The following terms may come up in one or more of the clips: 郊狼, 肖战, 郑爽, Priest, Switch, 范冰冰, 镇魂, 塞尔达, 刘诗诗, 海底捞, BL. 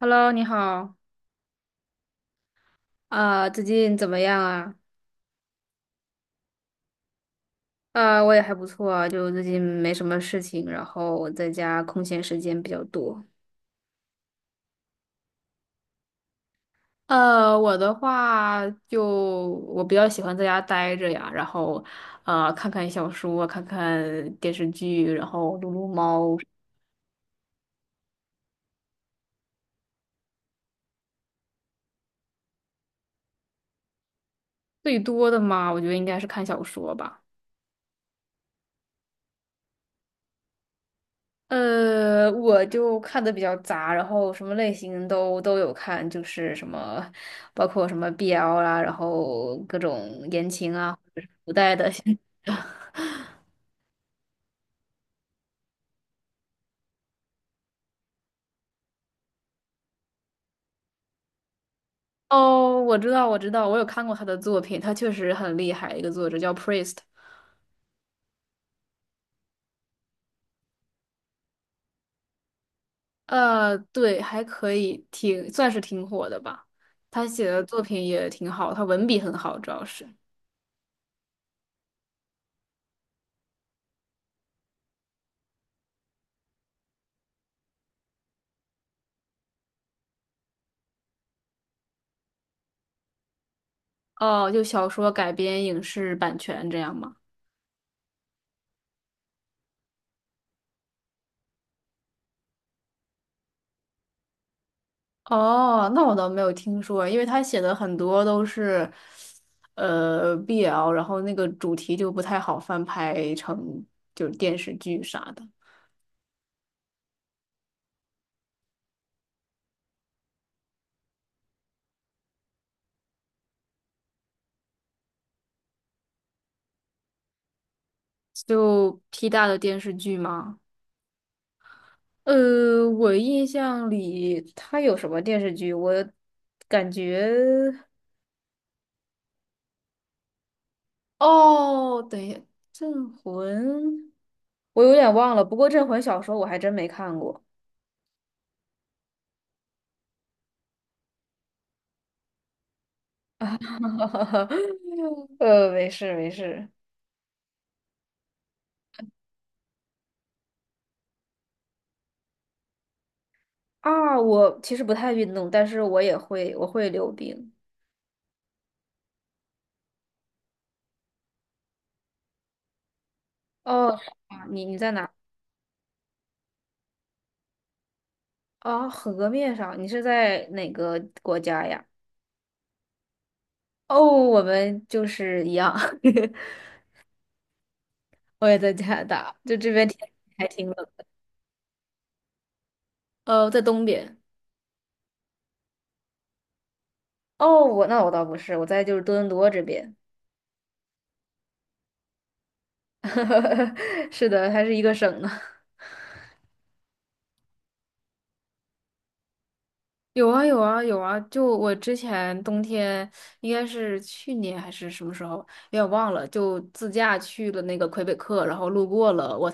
Hello，你好，啊、最近怎么样啊？啊、我也还不错啊，就最近没什么事情，然后我在家空闲时间比较多。我的话就我比较喜欢在家待着呀，然后看看小说，看看电视剧，然后撸撸猫。最多的嘛，我觉得应该是看小说吧。我就看的比较杂，然后什么类型都有看，就是什么，包括什么 BL 啦，然后各种言情啊。哦，我知道，我知道，我有看过他的作品，他确实很厉害，一个作者叫 Priest。对，还可以，算是挺火的吧。他写的作品也挺好，他文笔很好，主要是。哦，就小说改编影视版权这样吗？哦，那我倒没有听说，因为他写的很多都是，BL，然后那个主题就不太好翻拍成就是电视剧啥的，就 P 大的电视剧吗？我印象里他有什么电视剧？我感觉哦，等一下，《镇魂》，我有点忘了，不过《镇魂》小说我还真没看过。没事没事。啊，我其实不太运动，但是我也会，我会溜冰。哦，是吗你在哪？啊，河面上，你是在哪个国家呀？哦，我们就是一样，我也在加拿大，就这边天还挺冷的。在东边。哦，那我倒不是，我在就是多伦多这边。是的，还是一个省呢。有啊有啊有啊！就我之前冬天应该是去年还是什么时候，有点忘了，就自驾去了那个魁北克，然后路过了我。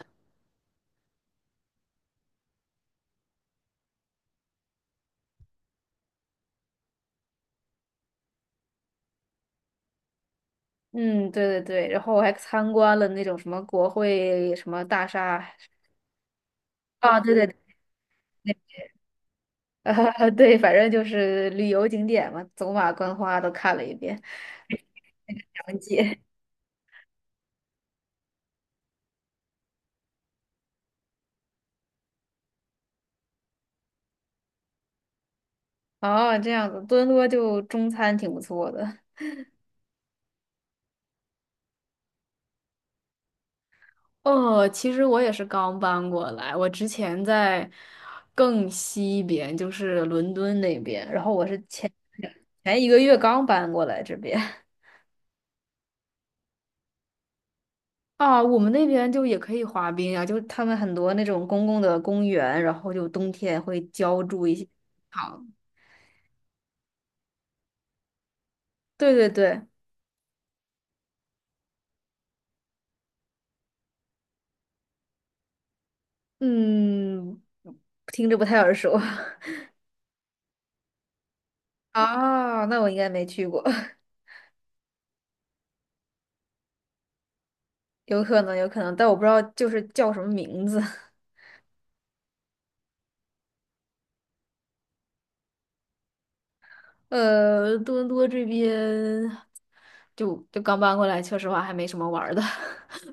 嗯，对对对，然后我还参观了那种什么国会什么大厦啊，对对 对，对，反正就是旅游景点嘛，走马观花都看了一遍，长街。哦，这样子，多伦多就中餐挺不错的。哦，其实我也是刚搬过来，我之前在更西边，就是伦敦那边，然后我是前一个月刚搬过来这边。啊，我们那边就也可以滑冰啊，就是他们很多那种公共的公园，然后就冬天会浇筑一些好，对对对，嗯，听着不太耳熟 啊，那我应该没去过，有可能有可能，但我不知道就是叫什么名字。多伦多这边就刚搬过来，说实话还没什么玩儿的。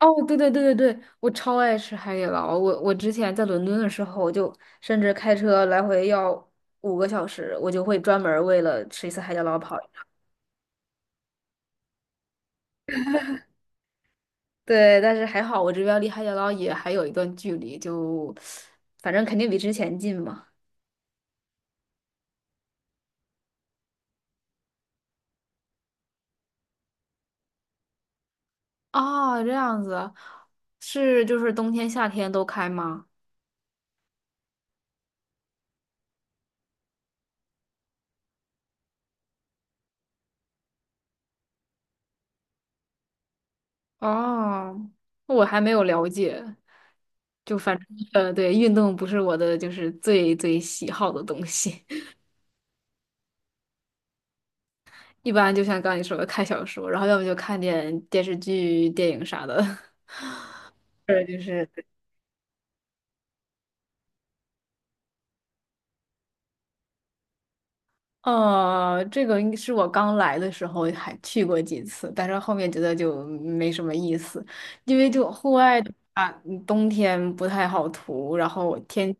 哦，对对对对对，我超爱吃海底捞。我之前在伦敦的时候，我就甚至开车来回要5个小时，我就会专门儿为了吃一次海底捞跑。对，但是还好我这边离海底捞也还有一段距离，就反正肯定比之前近嘛。哦，这样子，是就是冬天夏天都开吗？哦，我还没有了解。就反正对，运动不是我的就是最最喜好的东西，一般就像刚你说的看小说，然后要么就看点电视剧、电影啥的。对，就是这个应是我刚来的时候还去过几次，但是后面觉得就没什么意思，因为就户外的话，冬天不太好涂，然后天气。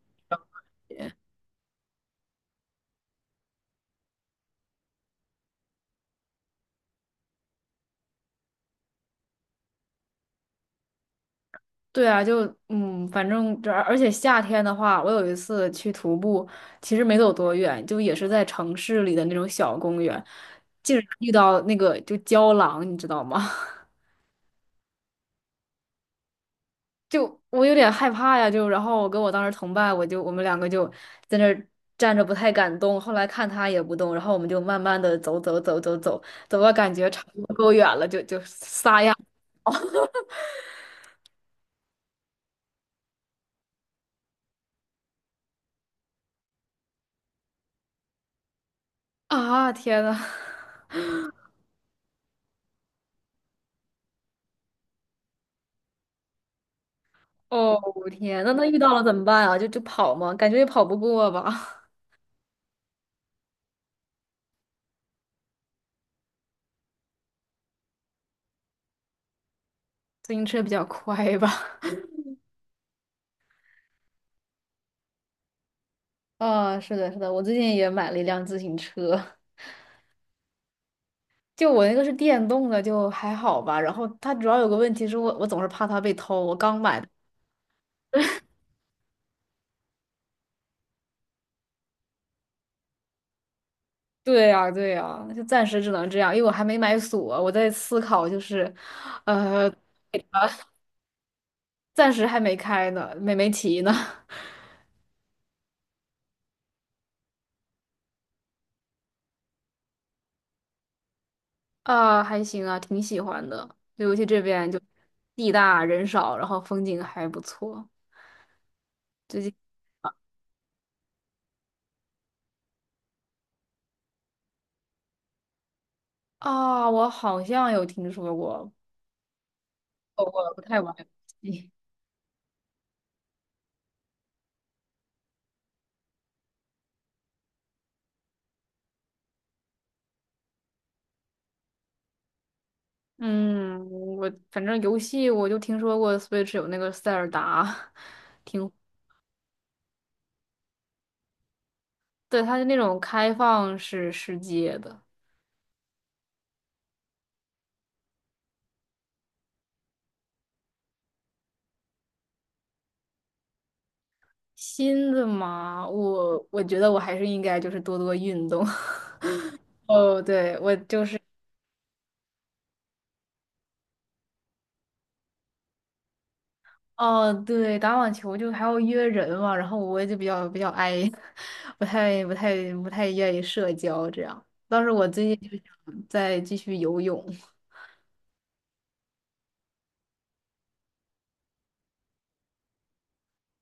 对啊，就反正这而且夏天的话，我有一次去徒步，其实没走多远，就也是在城市里的那种小公园，竟然遇到那个就郊狼，你知道吗？就我有点害怕呀，就然后我跟我当时同伴，我们两个就在那儿站着不太敢动，后来看他也不动，然后我们就慢慢的走走走走走，走到感觉差不多够远了，就撒丫啊，天呐！哦，天，那遇到了怎么办啊？就跑吗？感觉也跑不过吧，自行车比较快吧。啊，是的，是的，我最近也买了一辆自行车，就我那个是电动的，就还好吧。然后它主要有个问题是我，我总是怕它被偷。我刚买的，对呀，对呀，就暂时只能这样，因为我还没买锁，我在思考，就是，呃，暂时还没开呢，没骑呢。啊，还行啊，挺喜欢的，尤其这边就地大人少，然后风景还不错。最近啊，我好像有听说过，我不太玩游戏。嗯，我反正游戏我就听说过 Switch 有那个塞尔达，挺，对，它是那种开放式世界的。新的嘛，我觉得我还是应该就是多多运动。哦，对，我就是。哦，对，打网球就还要约人嘛，然后我就比较 i，不太愿意社交这样。当时我最近就想再继续游泳，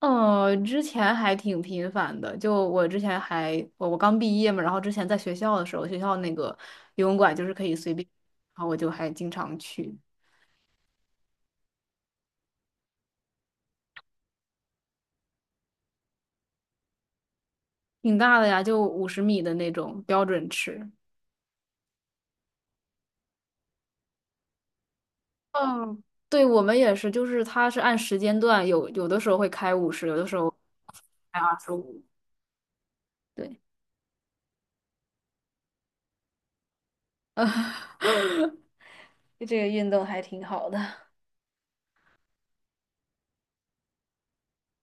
之前还挺频繁的，就我之前我刚毕业嘛，然后之前在学校的时候，学校那个游泳馆就是可以随便，然后我就还经常去，挺大的呀，就50米的那种标准池。嗯，对，我们也是，就是它是按时间段，有的时候会开五十，有的时候。还25。对，呃，这个运动还挺好的。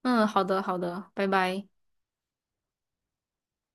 嗯，好的，好的，拜拜。